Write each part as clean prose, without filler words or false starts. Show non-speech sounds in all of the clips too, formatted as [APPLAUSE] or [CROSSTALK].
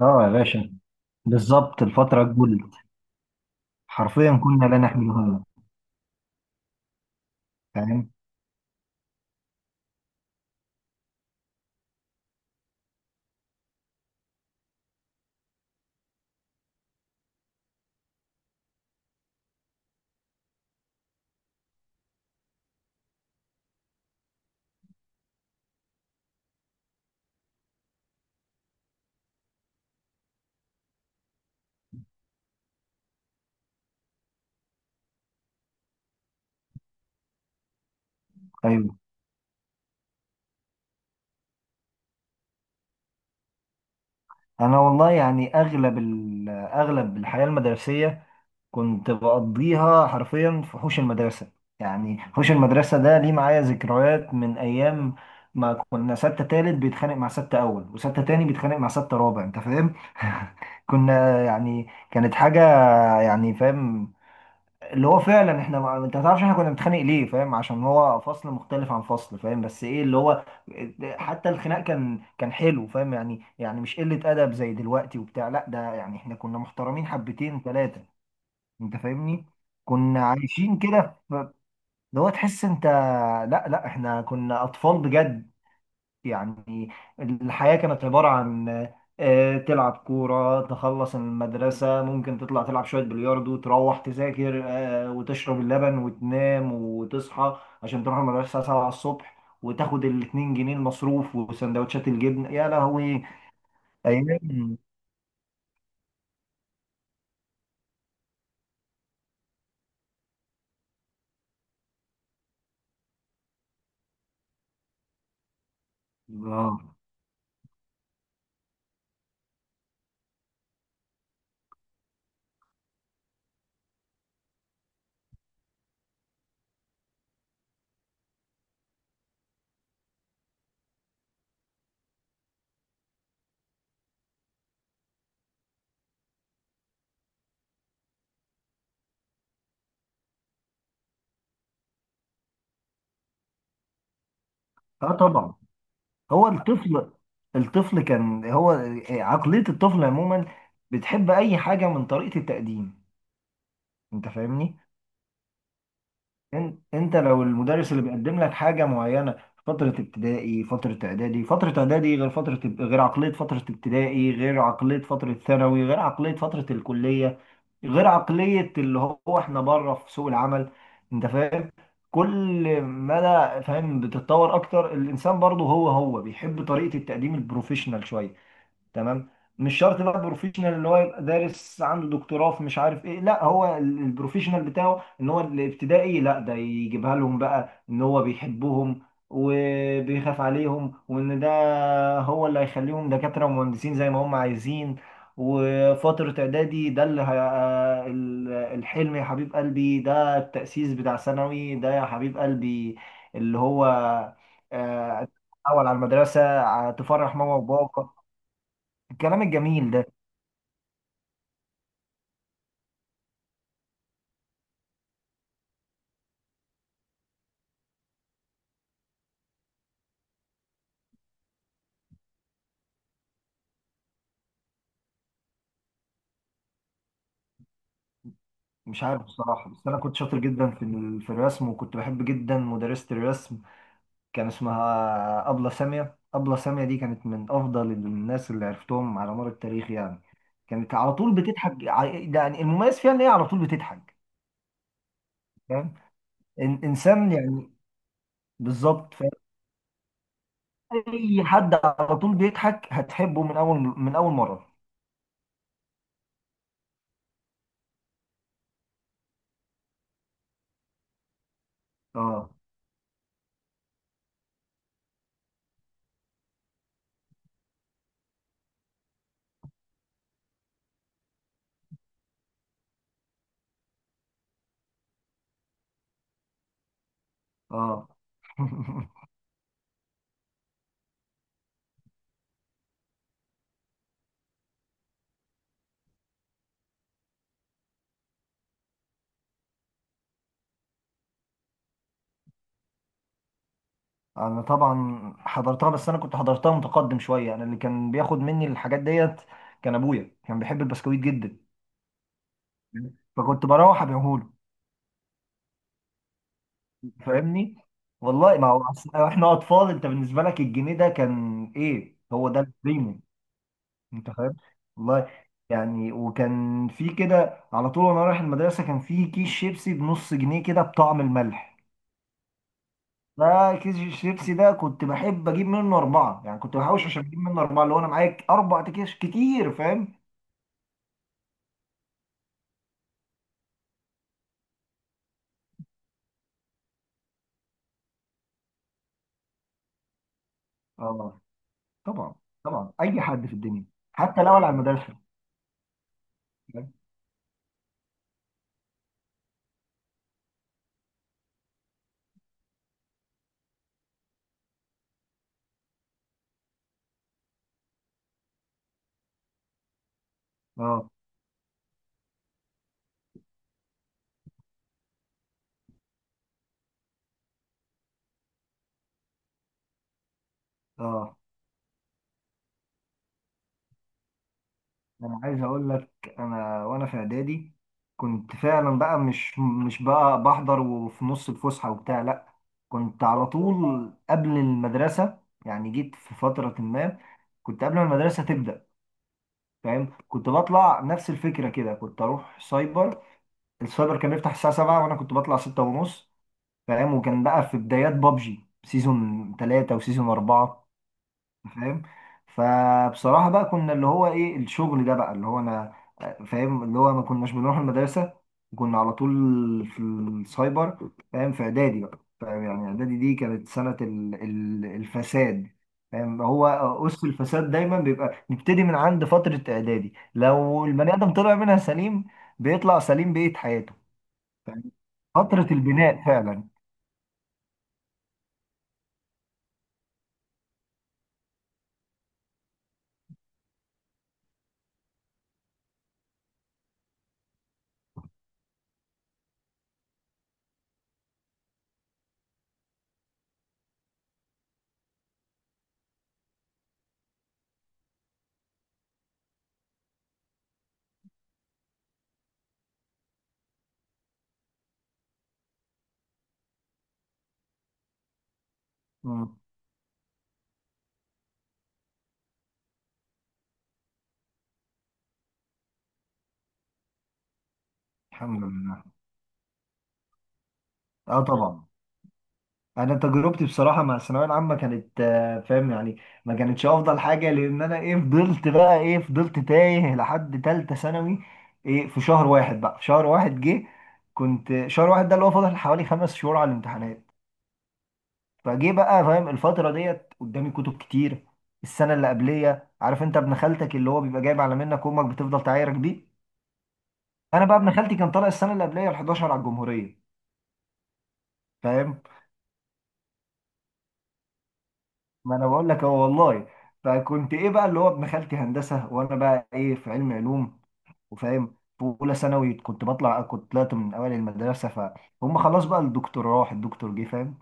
اه يا باشا، بالظبط الفترة الجولد. حرفيا كنا لا نحمل هما. فاهم؟ ايوه. انا والله يعني اغلب اغلب الحياة المدرسية كنت بقضيها حرفيا في حوش المدرسة. يعني حوش المدرسة ده ليه معايا ذكريات من ايام ما كنا ستة تالت بيتخانق مع ستة اول، وستة تاني بيتخانق مع ستة رابع. انت فاهم؟ [LAUGHS] كنا يعني كانت حاجة، يعني فاهم، اللي هو فعلا احنا ما... انت ما تعرفش احنا كنا بنتخانق ليه، فاهم؟ عشان هو فصل مختلف عن فصل، فاهم؟ بس ايه اللي هو، حتى الخناق كان حلو، فاهم؟ يعني مش قلة ادب زي دلوقتي وبتاع، لا ده يعني احنا كنا محترمين حبتين ثلاثة. انت فاهمني؟ كنا عايشين كده، اللي هو تحس انت. لا لا، احنا كنا اطفال بجد. يعني الحياة كانت عبارة عن تلعب كورة، تخلص المدرسة، ممكن تطلع تلعب شوية بلياردو، تروح تذاكر وتشرب اللبن وتنام وتصحى، عشان تروح المدرسة 7 الصبح وتاخد 2 جنيه المصروف وسندوتشات الجبن. يا لهوي أيام. آه. آه طبعا. هو الطفل كان هو، عقلية الطفل عموما بتحب أي حاجة من طريقة التقديم. أنت فاهمني؟ انت لو المدرس اللي بيقدم لك حاجه معينه في فتره ابتدائي، فتره اعدادي، فتره اعدادي غير فتره غير عقليه فتره ابتدائي، غير عقليه فتره ثانوي، غير عقليه فتره الكليه، غير عقليه اللي هو احنا بره في سوق العمل. انت فاهم؟ كل مدى، فاهم، بتتطور اكتر. الانسان برضه هو بيحب طريقه التقديم البروفيشنال شويه. تمام؟ مش شرط بقى بروفيشنال ان هو يبقى دارس عنده دكتوراه في مش عارف ايه، لا هو البروفيشنال بتاعه ان هو الابتدائي، لا ده يجيبها لهم بقى ان هو بيحبهم وبيخاف عليهم، وان ده هو اللي هيخليهم دكاترة ومهندسين زي ما هم عايزين. وفترة إعدادي ده اللي هي... ال- الحلم يا حبيب قلبي. ده التأسيس بتاع ثانوي ده يا حبيب قلبي، اللي هو آه، أول على المدرسة، تفرح ماما وبابا. الكلام الجميل ده. مش عارف الصراحة، بس أنا كنت شاطر جدا في في الرسم، وكنت بحب جدا مدرسة الرسم. كان اسمها أبلة سامية. أبلة سامية دي كانت من أفضل الناس اللي عرفتهم على مر التاريخ، يعني كانت على طول بتضحك. يعني المميز فيها إن هي على طول بتضحك، فاهم؟ إنسان، يعني بالظبط، فاهم؟ أي حد على طول بيضحك هتحبه من أول مرة. أه. أه. [LAUGHS] انا طبعا حضرتها، بس انا كنت حضرتها متقدم شويه. انا اللي كان بياخد مني الحاجات ديت كان ابويا، كان بيحب البسكويت جدا، فكنت بروح ابيعهوله. فاهمني؟ والله ما هو أصل احنا اطفال، انت بالنسبه لك الجنيه ده كان ايه، هو ده البريميوم. انت فاهم؟ والله يعني وكان في كده على طول وانا رايح المدرسه، كان في كيس شيبسي بنص جنيه كده بطعم الملح. ده كيس الشيبسي ده كنت بحب اجيب منه اربعه. يعني كنت بحوش عشان اجيب منه اربعه، اللي هو انا معايا 4 اكياس كتير، فاهم؟ اه طبعا. طبعا اي حد في الدنيا حتى لو على المدرسه، فاهم؟ اه. اه. انا عايز اقول لك، انا وانا في اعدادي كنت فعلا بقى مش بقى بحضر وفي نص الفسحه وبتاع، لا كنت على طول قبل المدرسه. يعني جيت في فتره ما كنت قبل ما المدرسه تبدا، فاهم؟ كنت بطلع نفس الفكره كده، كنت اروح سايبر. السايبر كان بيفتح الساعة 7 وانا كنت بطلع 6 ونص، فاهم؟ وكان بقى في بدايات بابجي سيزون 3 وسيزون 4، فاهم؟ فبصراحة بقى كنا اللي هو ايه الشغل ده، بقى اللي هو انا، فاهم، اللي هو ما كناش بنروح المدرسة، كنا على طول في السايبر، فاهم؟ في اعدادي بقى، فاهم، يعني اعدادي دي كانت سنة الفساد، فاهم؟ هو أس الفساد دايما بيبقى نبتدي من عند فترة اعدادي. لو البني آدم طلع منها سليم، بيطلع سليم بقية حياته. فترة البناء فعلا. مم. الحمد لله. اه طبعا. انا تجربتي بصراحة مع الثانوية العامة كانت فاهم يعني ما كانتش افضل حاجة. لان انا ايه فضلت بقى ايه فضلت تايه لحد تالتة ثانوي. ايه في شهر واحد بقى، في شهر واحد جه. كنت شهر واحد ده اللي هو فاضل حوالي 5 شهور على الامتحانات، فجه بقى. فاهم الفترة ديت قدامي كتب كتير. السنة اللي قبلية، عارف انت ابن خالتك اللي هو بيبقى جايب على منك امك بتفضل تعايرك بيه؟ انا بقى ابن خالتي كان طالع السنة اللي قبلية ال 11 على الجمهورية. فاهم؟ ما انا بقول لك هو، والله. فكنت ايه بقى اللي هو ابن خالتي هندسه وانا بقى ايه في علم علوم. وفاهم في اولى ثانوي كنت طلعت من اوائل المدرسه، فهم؟ خلاص بقى، الدكتور راح الدكتور جه، فاهم؟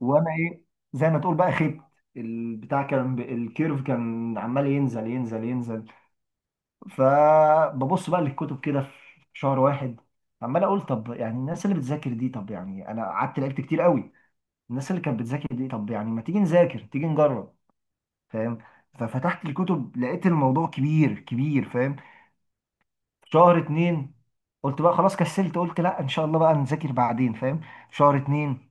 وانا ايه، زي ما تقول بقى خبت. البتاع كان الكيرف كان عمال ينزل ينزل ينزل. فببص بقى للكتب كده في شهر واحد، عمال اقول طب يعني الناس اللي بتذاكر دي، طب يعني انا قعدت لعبت كتير قوي. الناس اللي كانت بتذاكر دي، طب يعني ما تيجي نذاكر، تيجي نجرب، فاهم؟ ففتحت الكتب، لقيت الموضوع كبير كبير، فاهم؟ شهر اتنين. قلت بقى خلاص كسلت، قلت لا ان شاء الله بقى نذاكر بعدين، فاهم؟ شهر اتنين،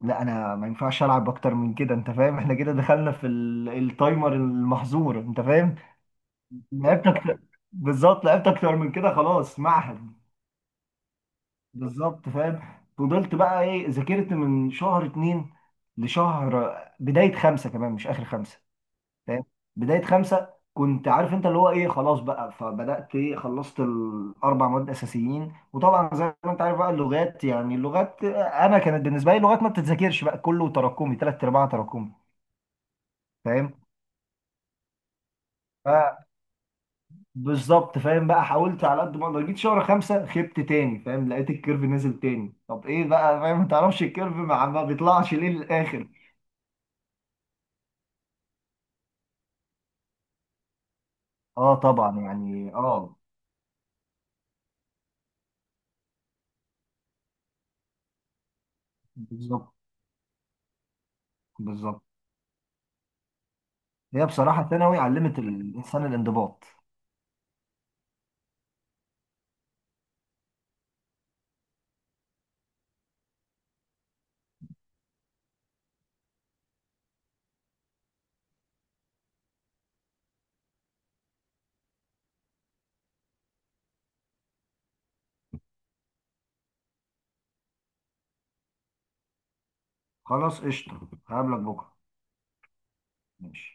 لا انا ما ينفعش العب اكتر من كده. انت فاهم؟ [LAUGHS] احنا كده دخلنا في التايمر المحظور، انت فاهم؟ لعبت اكتر. بالظبط لعبت اكتر من كده. خلاص معهد. بالظبط، فاهم؟ فضلت بقى ايه، ذاكرت من شهر اتنين لشهر بداية خمسة كمان مش اخر خمسة، فاهم؟ بدايه خمسه كنت عارف انت اللي هو ايه، خلاص بقى. فبدات ايه، خلصت 4 مواد اساسيين. وطبعا زي ما انت عارف بقى، اللغات يعني اللغات انا كانت بالنسبه لي، لغات ما بتتذاكرش بقى، كله تراكمي ثلاث ارباع تراكمي، فاهم؟ فبالظبط، فاهم بقى، حاولت على قد ما اقدر. جيت شهر خمسه خبت تاني، فاهم؟ لقيت الكيرف نزل تاني. طب ايه بقى، فاهم؟ ما تعرفش الكيرف ما بيطلعش ليه للاخر. اه طبعا يعني. اه. بالظبط بالظبط. هي بصراحه ثانوي علمت الانسان الانضباط. خلاص قشطة، هقابلك بكرة. ماشي.